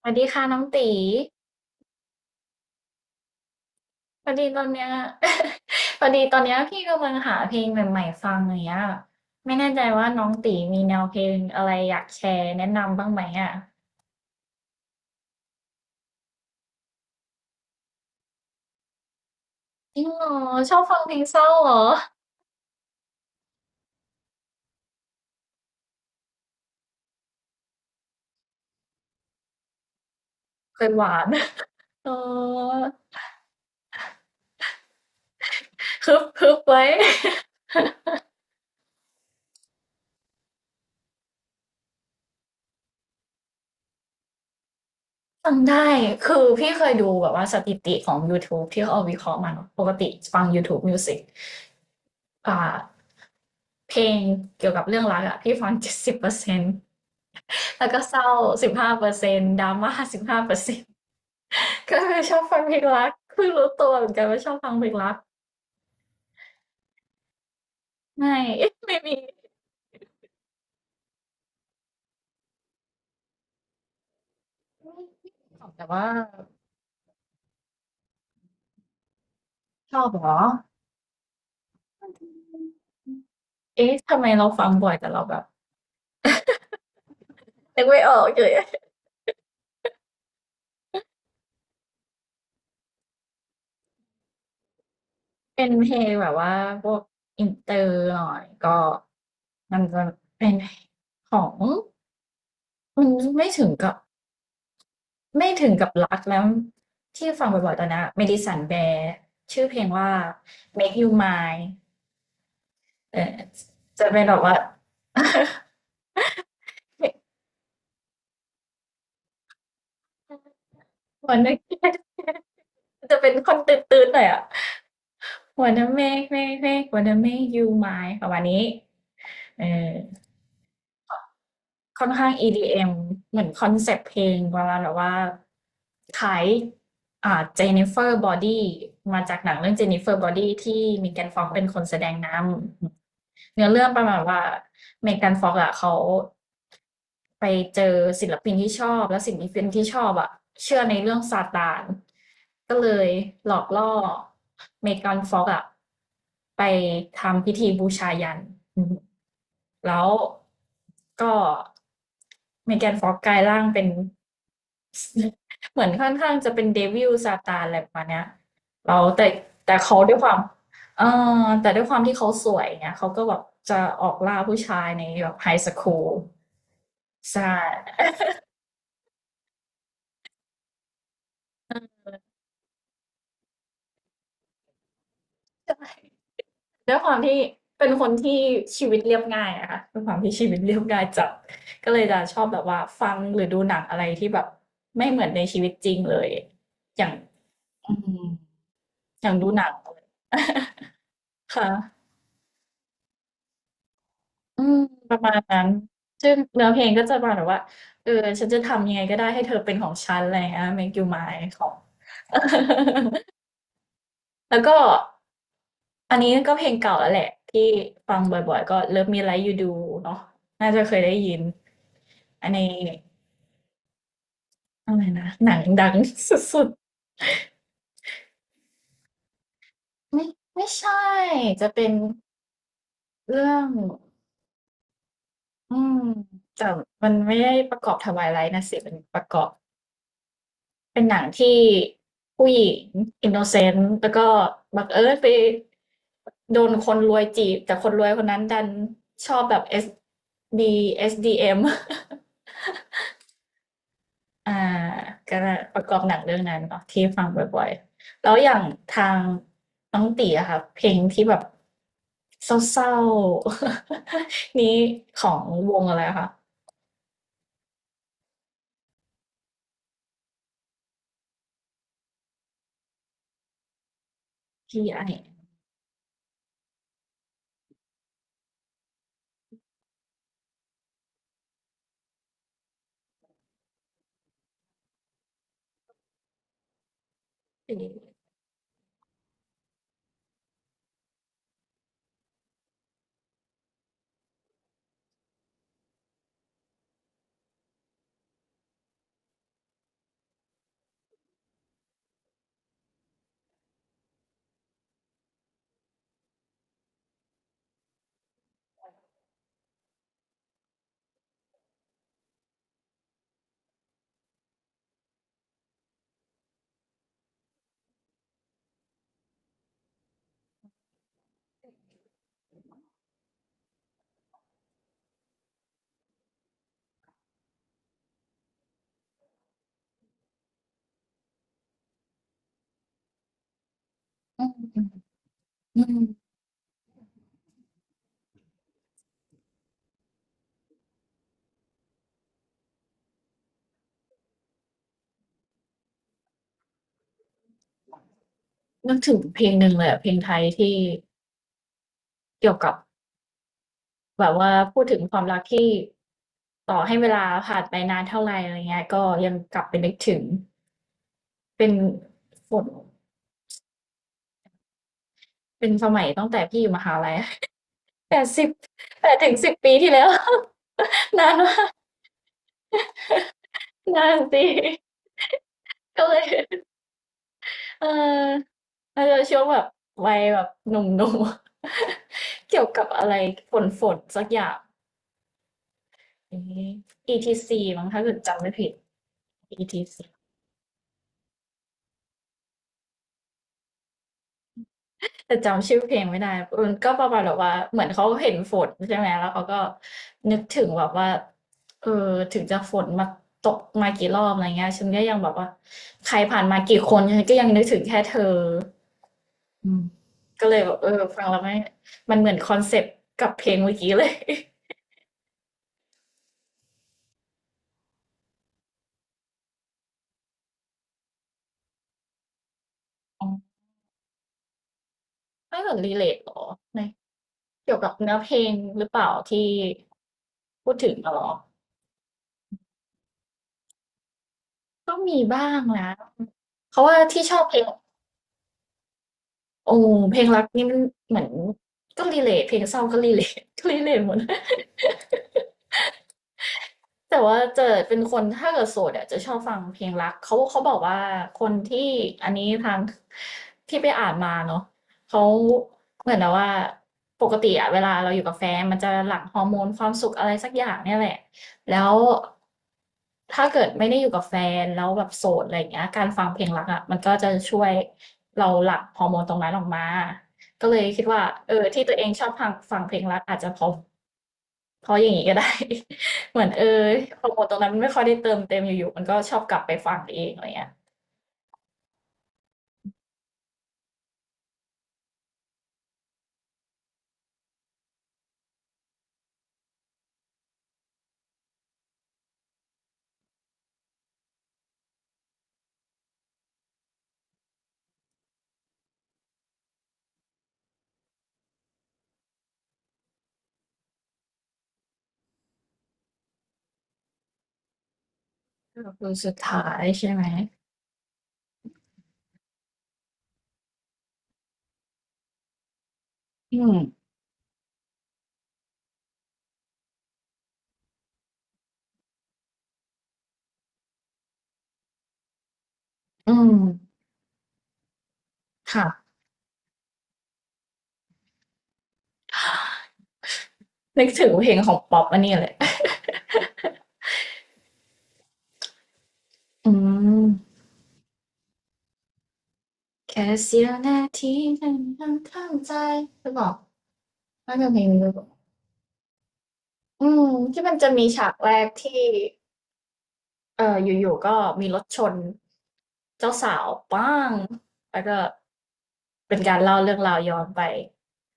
สวัสดีค่ะน้องตีพอดีตอนเนี้ย พอดีตอนเนี้ยพี่กำลังหาเพลงใหม่ๆฟังอย่างเงี้ยไม่แน่ใจว่าน้องตีมีแนวเพลงอะไรอยากแชร์แนะนำบ้างไหมอ่ะจริงเหรอชอบฟังเพลงเศร้าเหรอเคยหวานเออคึบคึบไว้ ฟังได้คือพี่เคยดูแบบว่าสถิติของ YouTube ที่เขาเอาวิเคราะห์มาเนอะปกติฟัง YouTube Music อ่า เพลงเกี่ยวกับเรื่องรักอะพี่ฟัง70%แล้วก็เศร้าสิบห้าเปอร์เซ็นต์ดราม่าสิบห้าเปอร์เซ็นต์ก็เลยชอบฟังเพลงรักเพิ่งรู้ตัวเหมือนกันว่าชอบฟังเพลงรักไม่ ไม่มีแต่ว่าชอบเหรอเอ๊ะทำไมเราฟังบ่อยแต่เราแบบนึกไม่ออกเลยเป็นเพลงแบบว่าพวกอินเตอร์หน่อยก็มันจะเป็นของมันไม่ถึงกับ ไม่ถึงกับรักแล้วที่ฟังบ่อยๆตอนนี้เ m ด d i ัน n b e ์ r ชื่อเพลงว่า Make You Mine เออจะเป็นแบบว่า วันนั้น จะเป็นคนตื่นๆหน่อยอ่ะ wanna make make make wanna make you mine ประมาณนี้เออ ค่อนข้าง EDM เอ็มเหมือนคอนเซปต์เพลงเวลาแบบว่าขายอ่าเจ f น r เฟอร์บอดี้มาจากหนังเรื่องเจ n น i เฟอร์บอดี้ที่มีแกนฟอกเป็นคนแสดงนำเนื้อเรื่องประมาณว่าเมแกันฟอกอะเขา ไปเจอศิลปินที่ชอบแล้วศิลปินที่ชอบอะเชื่อในเรื่องซาตานก็เลยหลอกล่อเมกานฟ็อกอะไปทำพิธีบูชายันอืมแล้วก็เมแกนฟ็อกกลายร่างเป็น เหมือนค่อนข้างจะเป็นเดวิลซาตานอะไรประมาณเนี้ยเราแต่แต่เขาด้วยความเอแต่ด้วยความที่เขาสวยเนี่ยเขาก็แบบจะออกล่าผู้ชายในแบบไฮสคูล ใช่ ด้วยความที่เป็นคนที่ชีวิตเรียบง่ายอะค่ะด้วยความที่ชีวิตเรียบง่ายจัดก็เลยจะชอบแบบว่าฟังหรือดูหนังอะไรที่แบบไม่เหมือนในชีวิตจริงเลยอย่างอืมอย่างดูหนัง ค่ะอืมประมาณนั้นซึ่งเนื้อเพลงก็จะประมาณแบบว่าเออฉันจะทำยังไงก็ได้ให้เธอเป็นของฉันอะไรอย่างเงี้ย Make You Mine ของ แล้วก็อันนี้ก็เพลงเก่าแล้วแหละที่ฟังบ่อยๆก็ Love Me Like You Do เนาะน่าจะเคยได้ยินอันนี้อะไรนะหนังดังสุดๆไม่ไม่ใช่จะเป็นเรื่องอืมแต่มันไม่ได้ประกอบทวายไลท์นะสิเป็นประกอบเป็นหนังที่ผู้หญิงอินโนเซนต์แล้วก็บังเอิญไปโดนคนรวยจีบแต่คนรวยคนนั้นดันชอบแบบดีเอสดีเอ็ม อ่าก็ประกอบหนังเรื่องนั้นเนาะที่ฟังบ่อยๆแล้วอย่างทางน้องตีอะค่ะเพลงที่แบบเศร้าๆ นี้ของวงอะไรอะคะ T.I. ่ไอืมอืมนึกถึงเพลงหนึ่งเลยอะเพลงไทยที่เกี่ยวกับแบบว่าพูดถึงความรักที่ต่อให้เวลาผ่านไปนานเท่าไรอะไรเงี้ยก็ยังกลับไปนึกถึงเป็นฝนเป็นสมัยตั้งแต่พี่อยู่มหาลัย 8สิ1 0ปดถึงสิบปีที่แล้ว นานมากนานสิก็เลยเออมันจะช่วงแบบวัยแบบหนุ่มๆ เกี่ยวกับอะไรฝนสักอย่างอย่างนีอีทีซีมั้งถ้าเกิดจำไม่ผิดอีทีซี แต่จำชื่อเพลงไม่ได้มันก็ประมาณแบบว่าเหมือนเขาเห็นฝนใช่ไหมแล้วเขาก็นึกถึงแบบว่าเออถึงจะฝนมาตกมากี่รอบอะไรเงี้ยฉันก็ยังแบบว่าใครผ่านมากี่คนฉันก็ยังนึกถึงแค่เธออืมก็เลยแบบฟังแล้วไม่มันเหมือนคอนเซปต์กับเพลงเมื่อกี้เลย อ๋อไม่เหมือนรีเลทหรอในเกี่ยวกับเนื้อเพลงหรือเปล่าที่พูดถึงอะเหรอก็มีบ้างนะเพราะว่าที่ชอบเพลง โอ้เพลงรักนี่มันเหมือนก็ relate เพลงเศร้าก็ relate ก็ relate หมด แต่ว่าเจะเป็นคนถ้าเกิดโสดอ่ะจะชอบฟังเพลงรักเขาบอกว่าคนที่อันนี้ทางที่ไปอ่านมาเนาะเขาเหมือนนะว่าปกติอ่ะเวลาเราอยู่กับแฟนมันจะหลั่งฮอร์โมนความสุขอะไรสักอย่างเนี่ยแหละแล้วถ้าเกิดไม่ได้อยู่กับแฟนแล้วแบบโสดอะไรอย่างเงี้ยการฟังเพลงรักอ่ะมันก็จะช่วยเราหลั่งฮอร์โมนตรงนั้นออกมาก็เลยคิดว่าที่ตัวเองชอบฟังเพลงรักอาจจะเพราะ เขาอย่างนี้ก็ได้ เหมือนเออโปรโมทตรงนั้นมันไม่ค่อยได้เติมเต็มอยู่ๆมันก็ชอบกลับไปฟังเองอะไรเงี้ยก็คือสุดท้ายใช่ไหมอืมอืมค่ะนึกถึงเพลงของป๊อปอันนี้เลย อืมแค่เสี้ยวนาทีนั้นยังเข้าใจหรือเปล่าน่าจะเพลงนี้หรือเปล่าอืมที่มันจะมีฉากแรกที่ อยู่ๆก็มีรถชนเจ้าสาวป้างแล้วก็เป็นการเล่าเรื่องราวย้อนไป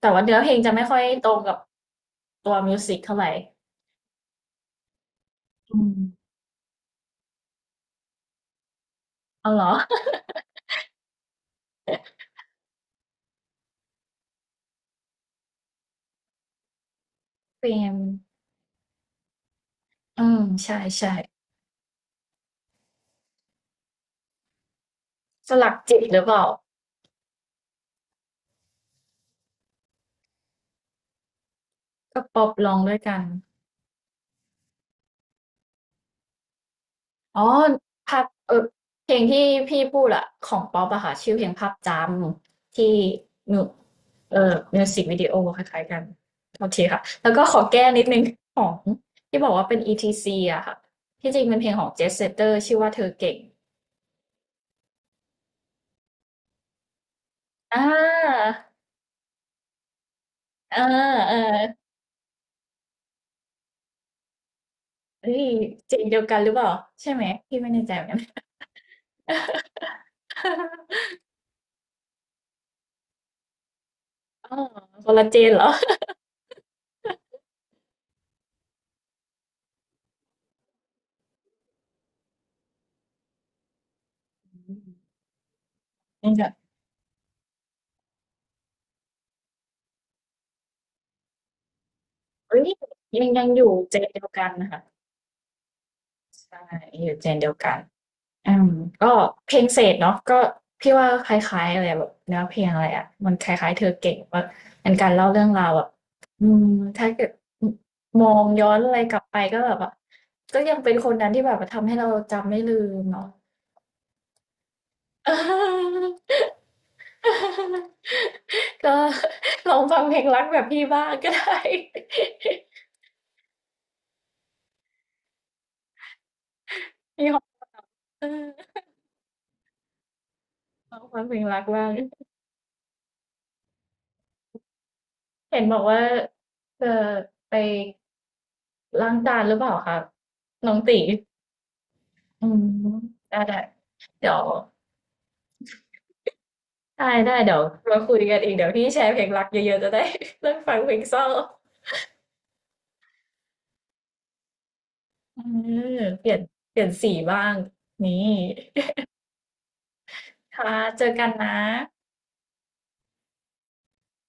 แต่ว่าเนื้อเพลงจะไม่ค่อยตรงกับตัวมิวสิกเท่าไหร่อืมเอาเหรอ เปรนอืมใช่สลักจิตหรือเปล่าก็ป๊อปร้องด้วยกัน อ๋อภาพเพลงที่พี่พูดอะของป๊อปอะค่ะชื่อเพลงภาพจำที่มิวเออมิวสิกวิดีโอคล้ายๆกันโอเคค่ะแล้วก็ขอแก้นิดนึงของที่บอกว่าเป็นอีทีซีอะค่ะที่จริงเป็นเพลงของเจสเซเตอร์ชื่อว่าเธอเก่งอ่าอเออเฮ้ยเจ๋งเดียวกันหรือเปล่าใช่ไหมพี่ไม่แน่ใจเหมือนกัน อ๋อคนละเจนเหรออืมยังจะเอ้ยยังอยู่เจนเดียวกันนะคะ ใช่อยู่เจนเดียวกันอืมก็เพลงเศษเนาะก็พี่ว่าคล้ายๆอะไรแบบเนื้อเพลงอะไรอ่ะมันคล้ายๆเธอเก่งว่าเป็นการเล่าเรื่องราวแบบอืมถ้าเกิดมองย้อนอะไรกลับไปก็แบบว่าก็ยังเป็นคนนั้นที่แบบว่าทำให้เราจำไม่ลืมเนาะ ก็ลองฟังเพลงรักแบบพี่บ้างก็ได้ มีความเออลองฟังเพลงรักบ้างเห็นบอกว่าจะไป ล้างจานหรือเปล่าครับน้องตีอืมได้เดี๋ยวได้เดี๋ยวมาคุยกันอีกเดี๋ยวพี่แชร์เพลงรักเยอะๆจะได้ เลิกฟังเพลงเศร้าอมเปลี่ยนสีบ้างนี่ค่ะเจอกันนะ